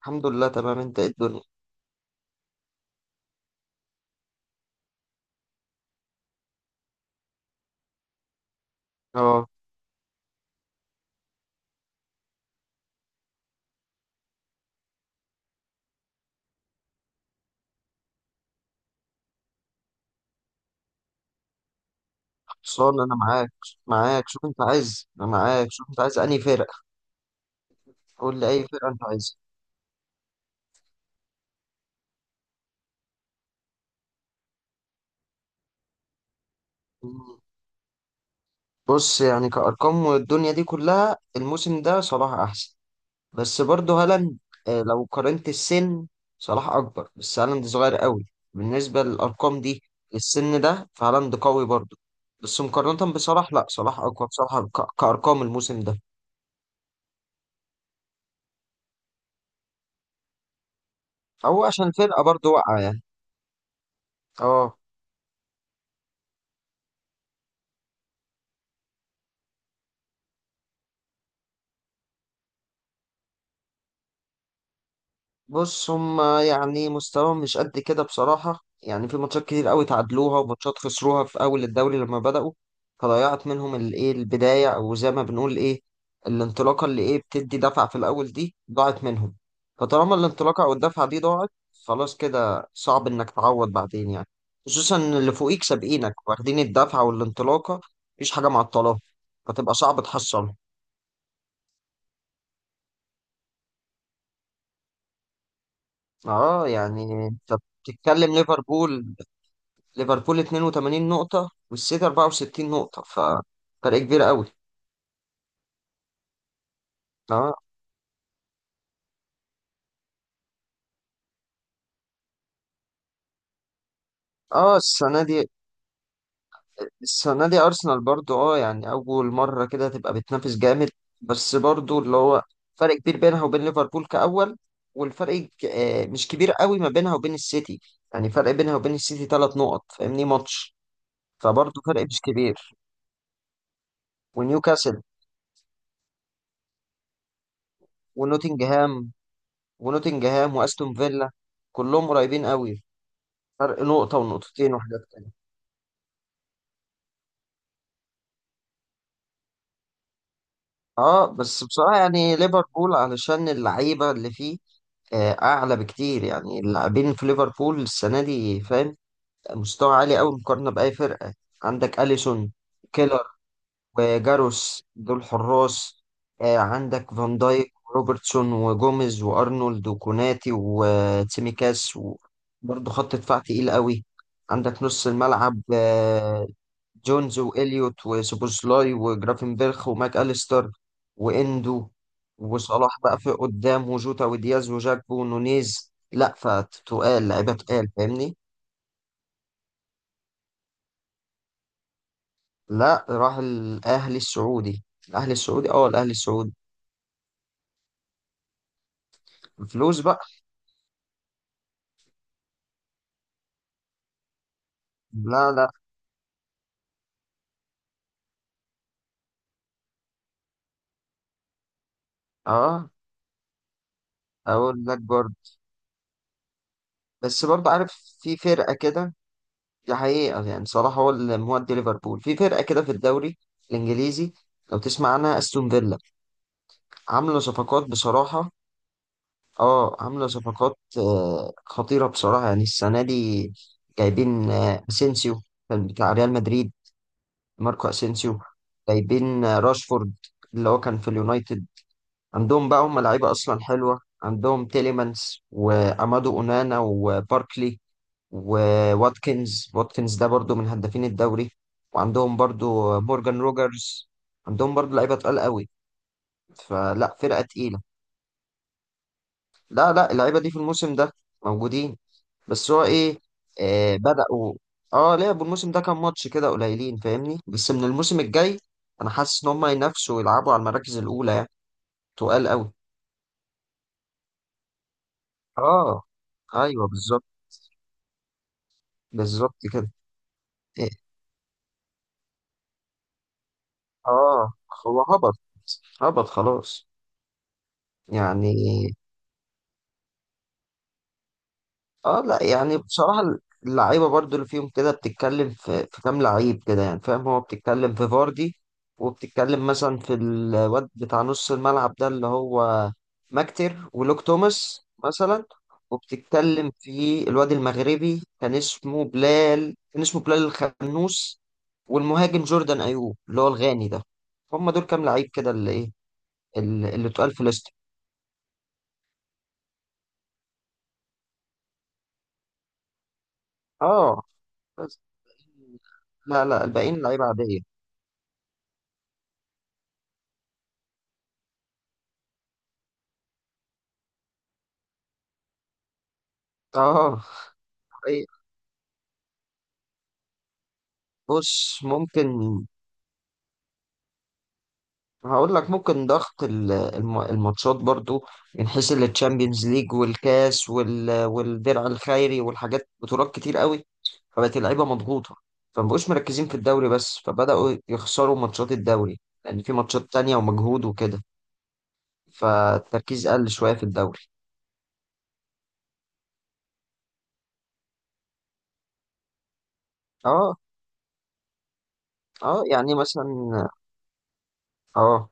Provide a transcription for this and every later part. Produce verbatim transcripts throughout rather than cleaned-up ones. الحمد لله تمام، انت ايه الدنيا؟ اه. خلصان انا معاك. معاك شوف انت عايز انا معاك، شوف انت عايز انهي فرقه. قول لي اي فرقه انت عايزها. مم. بص يعني كارقام والدنيا دي كلها، الموسم ده صلاح احسن. بس برضه هالاند. آه، لو قارنت السن، صلاح اكبر بس هالاند صغير قوي. بالنسبه للارقام دي، السن ده فهالاند قوي برضه. بس مقارنه بصلاح، لا، صلاح اقوى بصراحه ك- كارقام الموسم ده. هو عشان الفرقه برضه واقعه يعني. اه. بص هما يعني مستواهم مش قد كده بصراحة، يعني في ماتشات كتير قوي تعادلوها وماتشات خسروها في أول الدوري لما بدأوا. فضيعت منهم الإيه البداية، أو زي ما بنقول إيه الانطلاقة اللي إيه بتدي دفعة في الأول دي ضاعت منهم. فطالما الانطلاقة أو الدفعة دي ضاعت، خلاص كده صعب إنك تعوض بعدين يعني. خصوصا إن اللي فوقيك سابقينك واخدين الدفعة والانطلاقة، مفيش حاجة معطلاهم. فتبقى صعب تحصلها. اه، يعني انت بتتكلم ليفربول. ليفربول اثنين وثمانين نقطة والسيتي أربعة وستين نقطة، ففرق كبير قوي. اه اه، السنة دي، السنة دي أرسنال برضو، اه، يعني أول مرة كده تبقى بتنافس جامد. بس برضو اللي هو فرق كبير بينها وبين ليفربول كأول. والفرق ك- آه مش كبير قوي ما بينها وبين السيتي. يعني فرق بينها وبين السيتي ثلاث نقط فاهمني، ماتش. فبرضو فرق مش كبير. ونيوكاسل ونوتنجهام. ونوتنجهام وأستون فيلا، كلهم قريبين قوي. فرق نقطة ونقطتين وحاجات. اه بس بصراحة يعني ليفربول، علشان اللعيبة اللي فيه آه، أعلى بكتير، يعني اللاعبين في ليفربول السنة دي فاهم، مستوى عالي أوي مقارنة بأي فرقة. عندك أليسون، كيلر وجاروس، دول حراس. آه، عندك فان دايك وروبرتسون وجوميز وارنولد وكوناتي وتيميكاس، وبرضه خط دفاع تقيل قوي. عندك نص الملعب، آه، جونز وإليوت وسوبوسلاي وجرافنبرخ وماك أليستر وإندو. وصلاح بقى في قدام وجوتا ودياز وجاكبو ونونيز، لا فتقال، لعيبة تقال فاهمني. لا، راح الأهلي السعودي. الأهلي السعودي، اه الأهلي السعودي. فلوس بقى. لا لا. اه، اقول لك برضه. بس برضه عارف في فرقه كده، دي حقيقه يعني، صلاح هو اللي مودي ليفربول في فرقه كده في الدوري الانجليزي. لو تسمع عنها، استون فيلا، عامله صفقات بصراحه. اه، عامله صفقات آه خطيره بصراحه يعني السنه دي. جايبين آه اسينسيو، كان بتاع ريال مدريد. ماركو اسينسيو. جايبين آه راشفورد، اللي هو كان في اليونايتد. عندهم بقى هم لعيبه اصلا حلوه، عندهم تيليمانس وامادو اونانا وباركلي وواتكنز. واتكنز ده برضو من هدافين الدوري. وعندهم برضو مورجان روجرز. عندهم برضو لعيبة تقال قوي. فلا، فرقة تقيلة. لا لا، اللعيبة دي في الموسم ده موجودين. بس هو ايه، آه بدأوا. اه، لعبوا الموسم ده كام ماتش كده قليلين فاهمني، بس من الموسم الجاي انا حاسس ان هم ينافسوا ويلعبوا على المراكز الاولى يعني. تقال قوي. اه. ايوه بالظبط. بالظبط كده. إيه، اه. هو هبط. هبط خلاص. يعني، اه، لا يعني بصراحة اللعيبة برضو اللي فيهم كده، بتتكلم في في كام لعيب كده يعني فاهم، هو بتتكلم في فاردي، وبتتكلم مثلا في الواد بتاع نص الملعب ده اللي هو ماكتر، ولوك توماس مثلا. وبتتكلم في الواد المغربي، كان اسمه بلال، كان اسمه بلال الخنوس. والمهاجم جوردان أيوب اللي هو الغاني ده. هم دول كام لعيب كده اللي ايه اللي اللي اتقال في ليست. اه بس. لا لا، الباقيين لعيبة عادية. اه. أي. بص، ممكن هقول لك ممكن ضغط ال- الم- الماتشات برضو، من حيث التشامبيونز ليج والكاس وال- والدرع الخيري والحاجات، بطولات كتير قوي، فبقت اللعيبه مضغوطه، فمبقوش مركزين في الدوري بس، فبداوا يخسروا ماتشات الدوري لان في ماتشات تانية ومجهود وكده. فالتركيز قل شويه في الدوري. اه. اه، يعني مثلا. اه،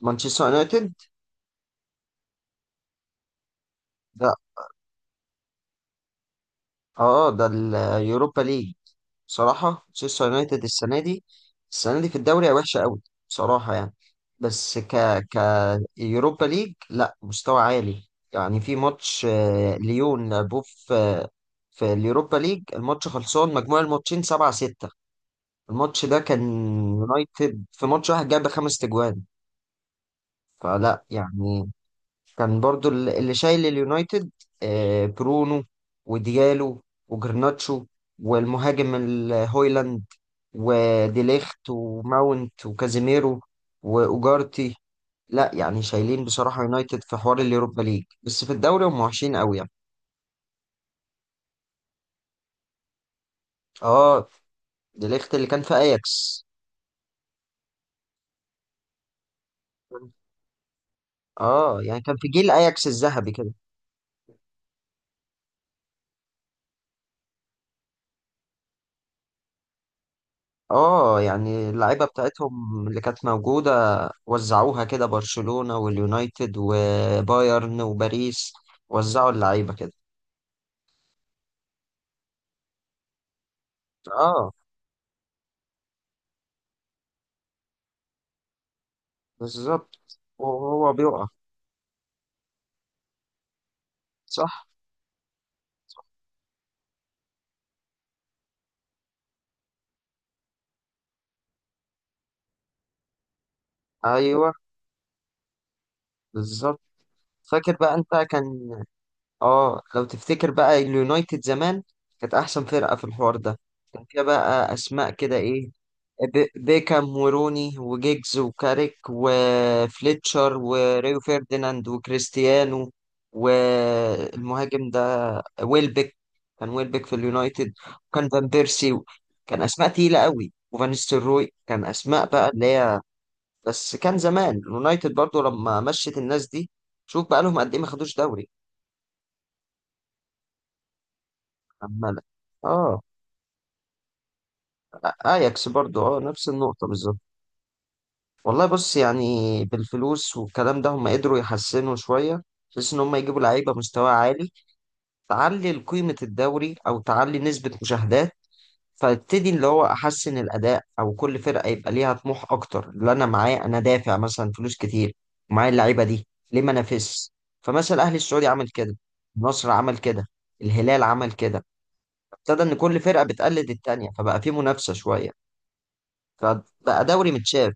مانشستر يونايتد. ده اه ده اليوروبا ليج. بصراحة مانشستر يونايتد السنة دي، السنة دي في الدوري وحشة قوي بصراحة يعني. بس ك ك يوروبا ليج، لا، مستوى عالي. يعني في ماتش آه، ليون لعبوه في في اليوروبا ليج، الماتش خلصان مجموع الماتشين سبعة ستة. الماتش ده كان يونايتد في ماتش واحد جاب خمس تجوان. فلا يعني، كان برضو الل- اللي شايل اليونايتد، آه، برونو وديالو وجرناتشو، والمهاجم ال- هويلاند وديليخت وماونت وكازيميرو واوجارتي. لا يعني، شايلين بصراحة يونايتد في حوار اليوروبا ليج، بس في الدوري هم وحشين قوي يعني. اه. ديليخت اللي كان في اياكس. اه، يعني كان في جيل اياكس الذهبي كده. اه، يعني اللعيبة بتاعتهم اللي كانت موجودة، وزعوها كده برشلونة واليونايتد وبايرن وباريس. وزعوا اللعيبة كده. اه بالظبط. وهو بيقع. صح. ايوه بالظبط. فاكر بقى انت كان، اه لو تفتكر بقى اليونايتد زمان كانت احسن فرقة في الحوار ده. كان فيها بقى اسماء كده ايه، بي- بيكام وروني وجيجز وكاريك وفليتشر وريو فيرديناند وكريستيانو. والمهاجم ده، ويلبك. كان ويلبك في اليونايتد. وكان فان بيرسي. كان اسماء تقيله قوي، وفان ستروي، كان اسماء بقى اللي هي. بس كان زمان اليونايتد برضو لما مشت الناس دي، شوف بقى لهم قد ايه ما خدوش دوري. عماله. اه. اياكس برضو، اه نفس النقطه بالظبط. والله بص يعني، بالفلوس والكلام ده هم قدروا يحسنوا شوية، بحيث إن هم يجيبوا لعيبة مستوى عالي، تعلي قيمة الدوري أو تعلي نسبة مشاهدات. فابتدي اللي هو أحسن الأداء، أو كل فرقة يبقى ليها طموح أكتر، اللي أنا معايا أنا دافع مثلا فلوس كتير ومعايا اللعيبة دي، ليه ما أنافسش. فمثلا الأهلي السعودي عمل كده. النصر عمل كده. الهلال عمل كده. ابتدى إن كل فرقة بتقلد التانية، فبقى في منافسة شوية. فبقى دوري متشاف.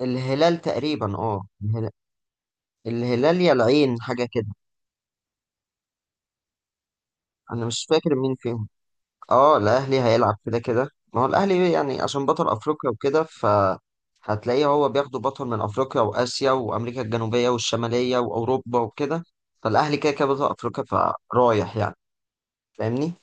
الهلال تقريبا، اه. الهلال يا العين حاجة كده. أنا مش فاكر مين فيهم. اه، الأهلي هيلعب كده كده، ما هو الأهلي يعني عشان بطل أفريقيا وكده، ف هتلاقيه هو بياخدوا بطل من أفريقيا وآسيا وأمريكا الجنوبية والشمالية وأوروبا وكده. فالأهلي كده كده بطل أفريقيا. فرايح يعني. فاهمني.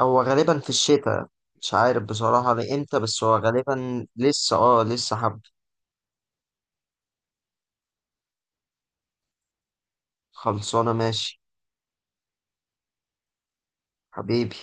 هو غالبا في الشتاء. مش عارف بصراحة لإمتى، بس هو غالبا لسه، اه لسه حب. خلصانة ماشي. حبيبي.